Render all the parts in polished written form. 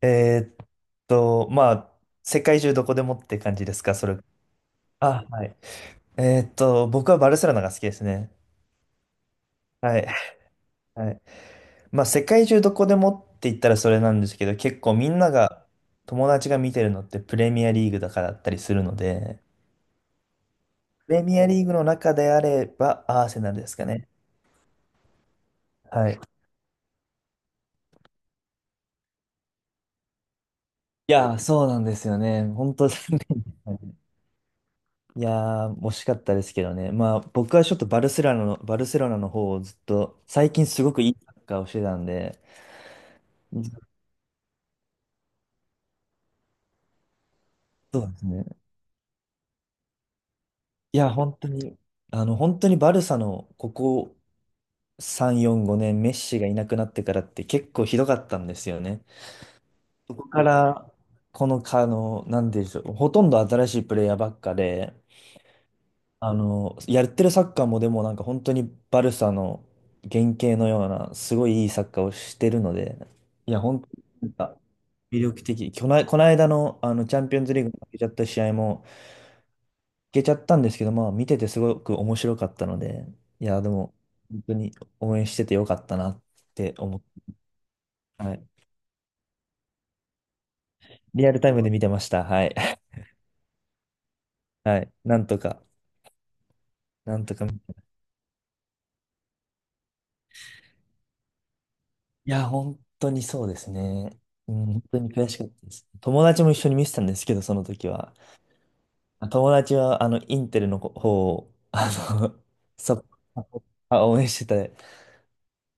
えーっまあ、世界中どこでもって感じですか、それ。あ、はい。僕はバルセロナが好きですね。はい。はい。まあ、世界中どこでもって言ったらそれなんですけど、結構みんなが、友達が見てるのってプレミアリーグだからだったりするので、プレミアリーグの中であればアーセナルですかね。はい。いやー、そうなんですよね。本当に。いやー、惜しかったですけどね。まあ、僕はちょっとバルセロナの方をずっと、最近すごくいいサッカーをしてたんで、ずっとですね。いや、本当に、本当にバルサのここ3、4、5年、メッシがいなくなってからって結構ひどかったんですよね。そこから、この、かあの、なんでしょう、ほとんど新しいプレイヤーばっかで、やってるサッカーもでもなんか本当にバルサの原型のような、すごいいいサッカーをしてるので、いや、本当になんか魅力的。この間の、あのチャンピオンズリーグに負けちゃった試合も負けちゃったんですけど、まあ見ててすごく面白かったので、いや、でも本当に応援しててよかったなって思って、はい。リアルタイムで見てました。はい。はい。なんとか、なんとか。いや、本当にそうですね。うん、本当に悔しかったです。友達も一緒に見てたんですけど、その時は。友達は、インテルの方を、の、そ、応援してた。本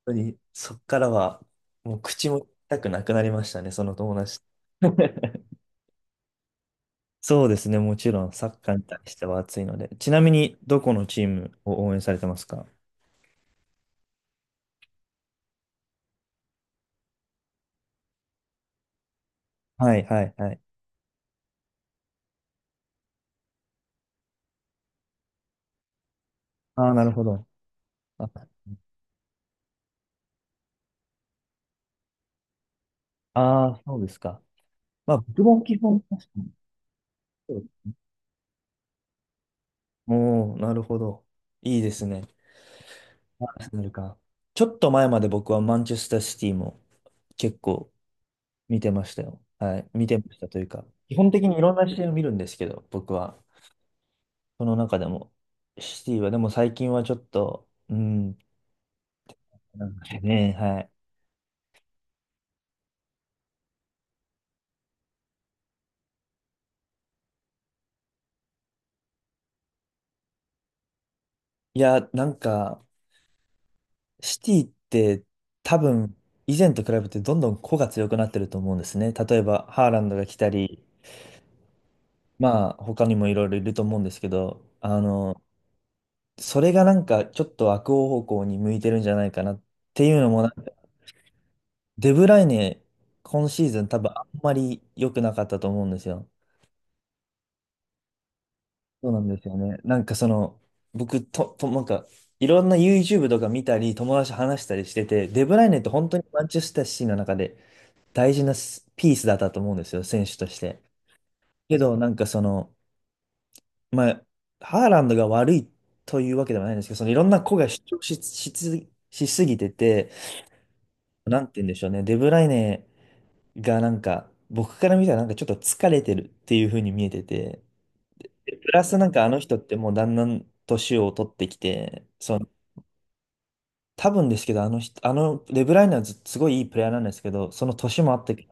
当に、そっからは、もう口も痛くなくなりましたね、その友達。そうですね、もちろん、サッカーに対しては熱いので。ちなみに、どこのチームを応援されてますか？はいはいはい。ああ、なるほど。ああー、そうですか。まあ、僕も基本、確かに。おー、なるほど。いいですね。アーセナルか。ちょっと前まで僕はマンチェスターシティも結構見てましたよ。はい。見てましたというか、基本的にいろんな試合を見るんですけど、僕は。その中でも、シティは、でも最近はちょっと、うん、なんかね、はい。いや、なんか、シティって多分、以前と比べてどんどん個が強くなってると思うんですね。例えば、ハーランドが来たり、まあ、他にもいろいろいると思うんですけど、それがなんかちょっと悪方向に向いてるんじゃないかなっていうのもなんか、デブライネ、今シーズン多分あんまり良くなかったと思うんですよ。そうなんですよね。なんかその、僕と、なんか、いろんな YouTube とか見たり、友達と話したりしてて、デブライネって本当にマンチェスターシティの中で大事なスピースだったと思うんですよ、選手として。けど、なんかその、まあ、ハーランドが悪いというわけではないんですけど、そのいろんな子が主張しすぎてて、なんて言うんでしょうね。デブライネがなんか、僕から見たらなんかちょっと疲れてるっていう風に見えてて、プラスなんかあの人ってもうだんだん年を取ってきて、その、多分ですけど、あの人、デブライネはずすごいいいプレイヤーなんですけど、その年もあって、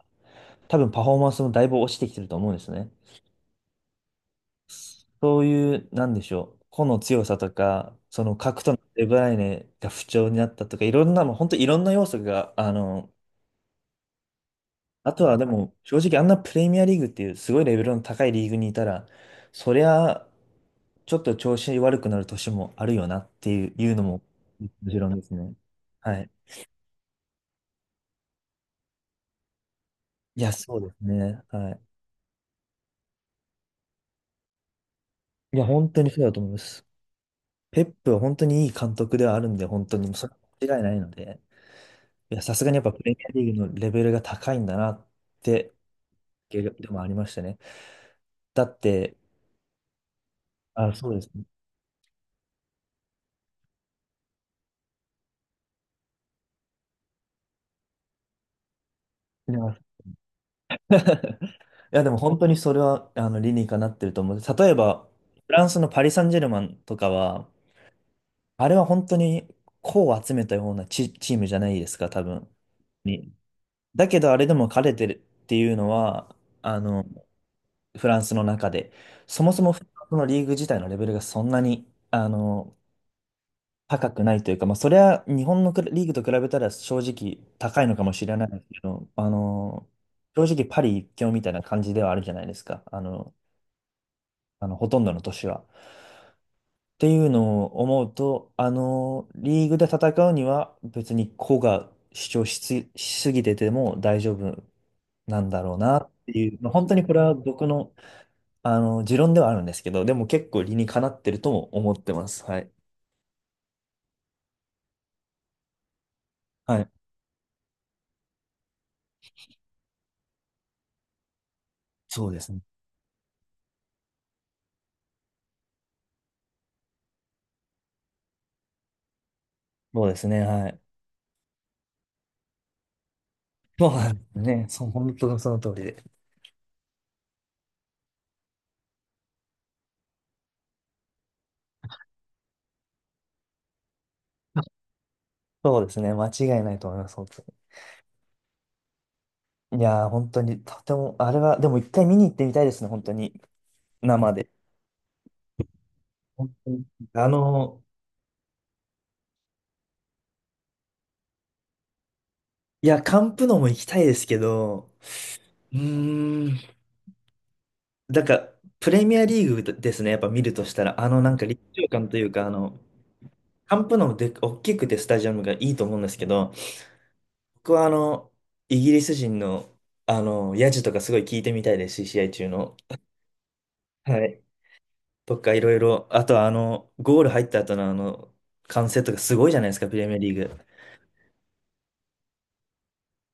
多分パフォーマンスもだいぶ落ちてきてると思うんですね。そういう、なんでしょう。個の強さとか、その核とのデブライネが不調になったとか、いろんなもう、本当いろんな要素が、あとはでも、正直あんなプレミアリーグっていうすごいレベルの高いリーグにいたら、そりゃ、ちょっと調子悪くなる年もあるよなっていういうのも、もちろんですね。はい。いや、そうですね。はい。いや、本当にそうだと思います。ペップは本当にいい監督ではあるんで、本当に、それは間違いないので、いや、さすがにやっぱプレミアリーグのレベルが高いんだなって、でもありましたね。だって、あ、そうですね。いやいや、でも本当にそれは、理にかなってると思う。例えば、フランスのパリ・サンジェルマンとかは、あれは本当にこを集めたようなチームじゃないですか、多分。にだけど、あれでも彼れてるっていうのは、あの、フランスの中で、そもそもフランスのリーグ自体のレベルがそんなに、高くないというか、まあ、それは日本のクラリーグと比べたら正直高いのかもしれないですけど、正直パリ一強みたいな感じではあるじゃないですか、ほとんどの年は。っていうのを思うと、リーグで戦うには別に個が主張しすぎてても大丈夫なんだろうなっていう、まあ、本当にこれは僕の、持論ではあるんですけど、でも結構理にかなってるとも思ってます。はい。はい。そうですね。そうですね。はい。そうなんですね。そう、本当にその通りで。そうですね。間違いないと思います。本当に。いやー、本当に、とても、あれは、でも一回見に行ってみたいですね。本当に。生で。本当に。あの、いや、カンプノも行きたいですけど、うーん。なんか、プレミアリーグですね、やっぱ見るとしたら、なんか立場感というか、カンプノもで、大きくてスタジアムがいいと思うんですけど、僕はイギリス人の、ヤジとかすごい聞いてみたいですし、試合中の。はい。とか、いろいろ、あとはゴール入った後の歓声とかすごいじゃないですか、プレミアリーグ。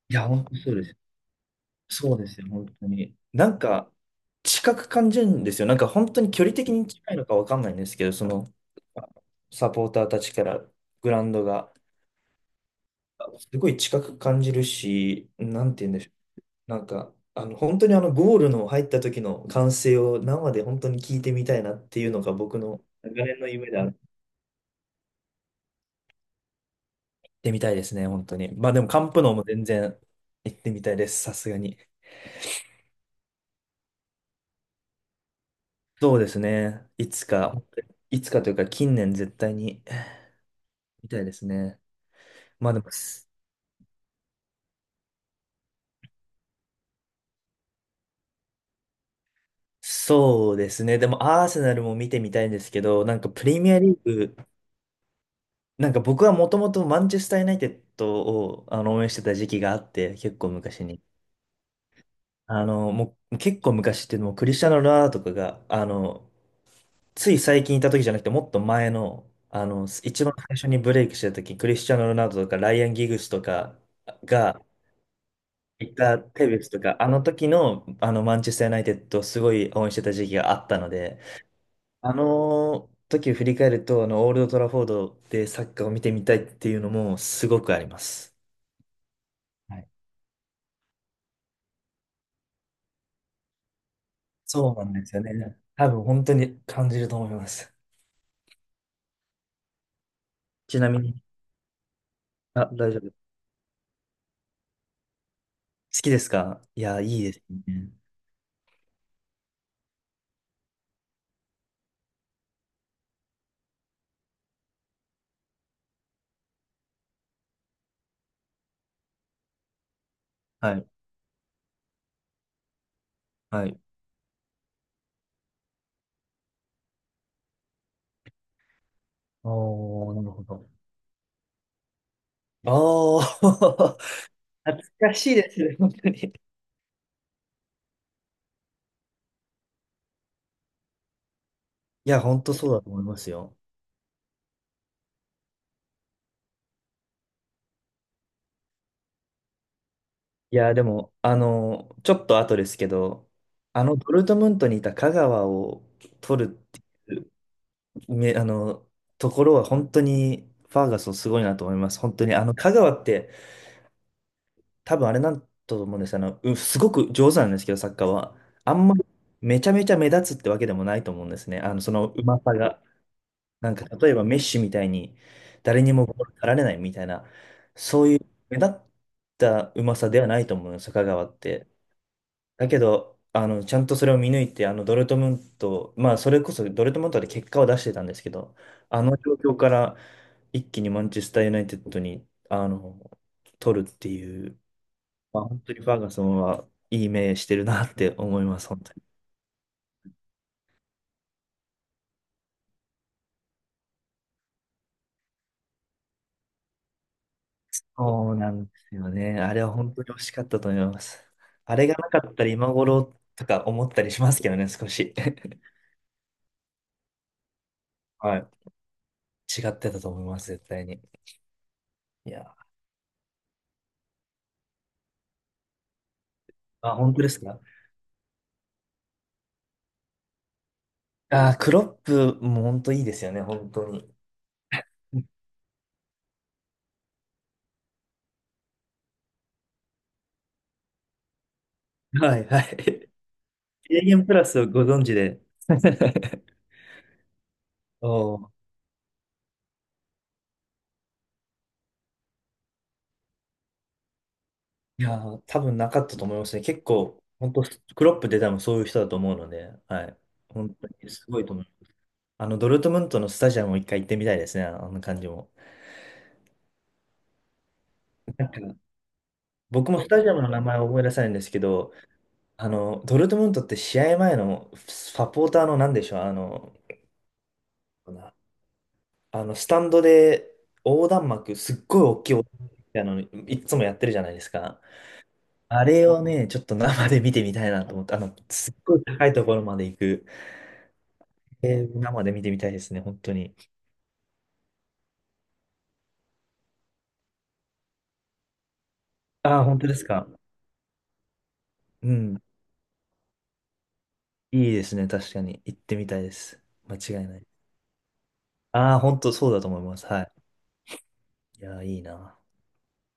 いや、本当そうです。そうですよ、本当に。なんか、近く感じるんですよ。なんか、本当に距離的に近いのかわかんないんですけど、その、サポーターたちからグラウンドが、すごい近く感じるし、なんて言うんでしょう。なんか、本当にゴールの入った時の歓声を生で本当に聞いてみたいなっていうのが僕の長年の夢である。行ってみたいですね、本当に。まあでも、カンプノーも全然行ってみたいです、さすがに。そうですね。いつか、いつかというか、近年絶対に。みたいですね。まあでも、そうですね。でも、アーセナルも見てみたいんですけど、なんかプレミアリーグ、なんか僕はもともとマンチェスター・ユナイテッドを応援してた時期があって、結構昔に。もう結構昔っていうのも、クリスチャーノ・ロナウドとかが、つい最近いた時じゃなくて、もっと前の、一番最初にブレイクしてた時、クリスチャーノ・ロナウドとかライアン・ギグスとかが、いたテベスとか、あの時の、あのマンチェスター・ユナイテッドをすごい応援してた時期があったので、あの時を振り返ると、オールド・トラフォードでサッカーを見てみたいっていうのもすごくあります。はい。そうなんですよね。多分本当に感じると思います。ちなみに、あ、大丈夫。好きですか。いや、いいですね。はい。はい。おー、なるほど。ああ、懐かしいですね、本当に。いや、本当そうだと思いますよ。いや、でも、ちょっと後ですけど、ドルトムントにいた香川を取る、め、あの、ところは本当にファーガソンすごいなと思います。本当に、香川って多分あれなんだと思うんです。すごく上手なんですけど、サッカーは。あんまりめちゃめちゃ目立つってわけでもないと思うんですね。そのうまさが。なんか、例えばメッシみたいに誰にもボール取られないみたいな、そういう目立ったうまさではないと思うんですよ、香川って。だけど、ちゃんとそれを見抜いて、ドルトムント、まあ、それこそドルトムントで結果を出してたんですけど、あの状況から一気にマンチェスター・ユナイテッドに、取るっていう、まあ、本当にファーガソンはいい目してるなって思います、本当に。そうなんですよね。あれは本当に惜しかったと思います。あれがなかったら今頃とか思ったりしますけどね、少し。はい。違ってたと思います、絶対に。いや、あ、本当ですか。ああ、クロップも本当いいですよね、本当に。はいはい。a m プラスをご存知で。おー、いやー、多分なかったと思いますね。結構、本当クロップで多分そういう人だと思うので、はい。本当にすごいと思う。ドルトムントのスタジアムを一回行ってみたいですね、あの感じも。なんか、僕もスタジアムの名前を思い出さないんですけど、ドルトムントって試合前のサポーターの何でしょう、スタンドで横断幕、すっごい大きい横断幕みたいなの、いつもやってるじゃないですか。あれをね、ちょっと生で見てみたいなと思って、すっごい高いところまで行く。生で見てみたいですね、本当に。ああ、本当ですか。うん。いいですね、確かに。行ってみたいです。間違いない。ああ、本当そうだと思います。はい。いやー、いいな。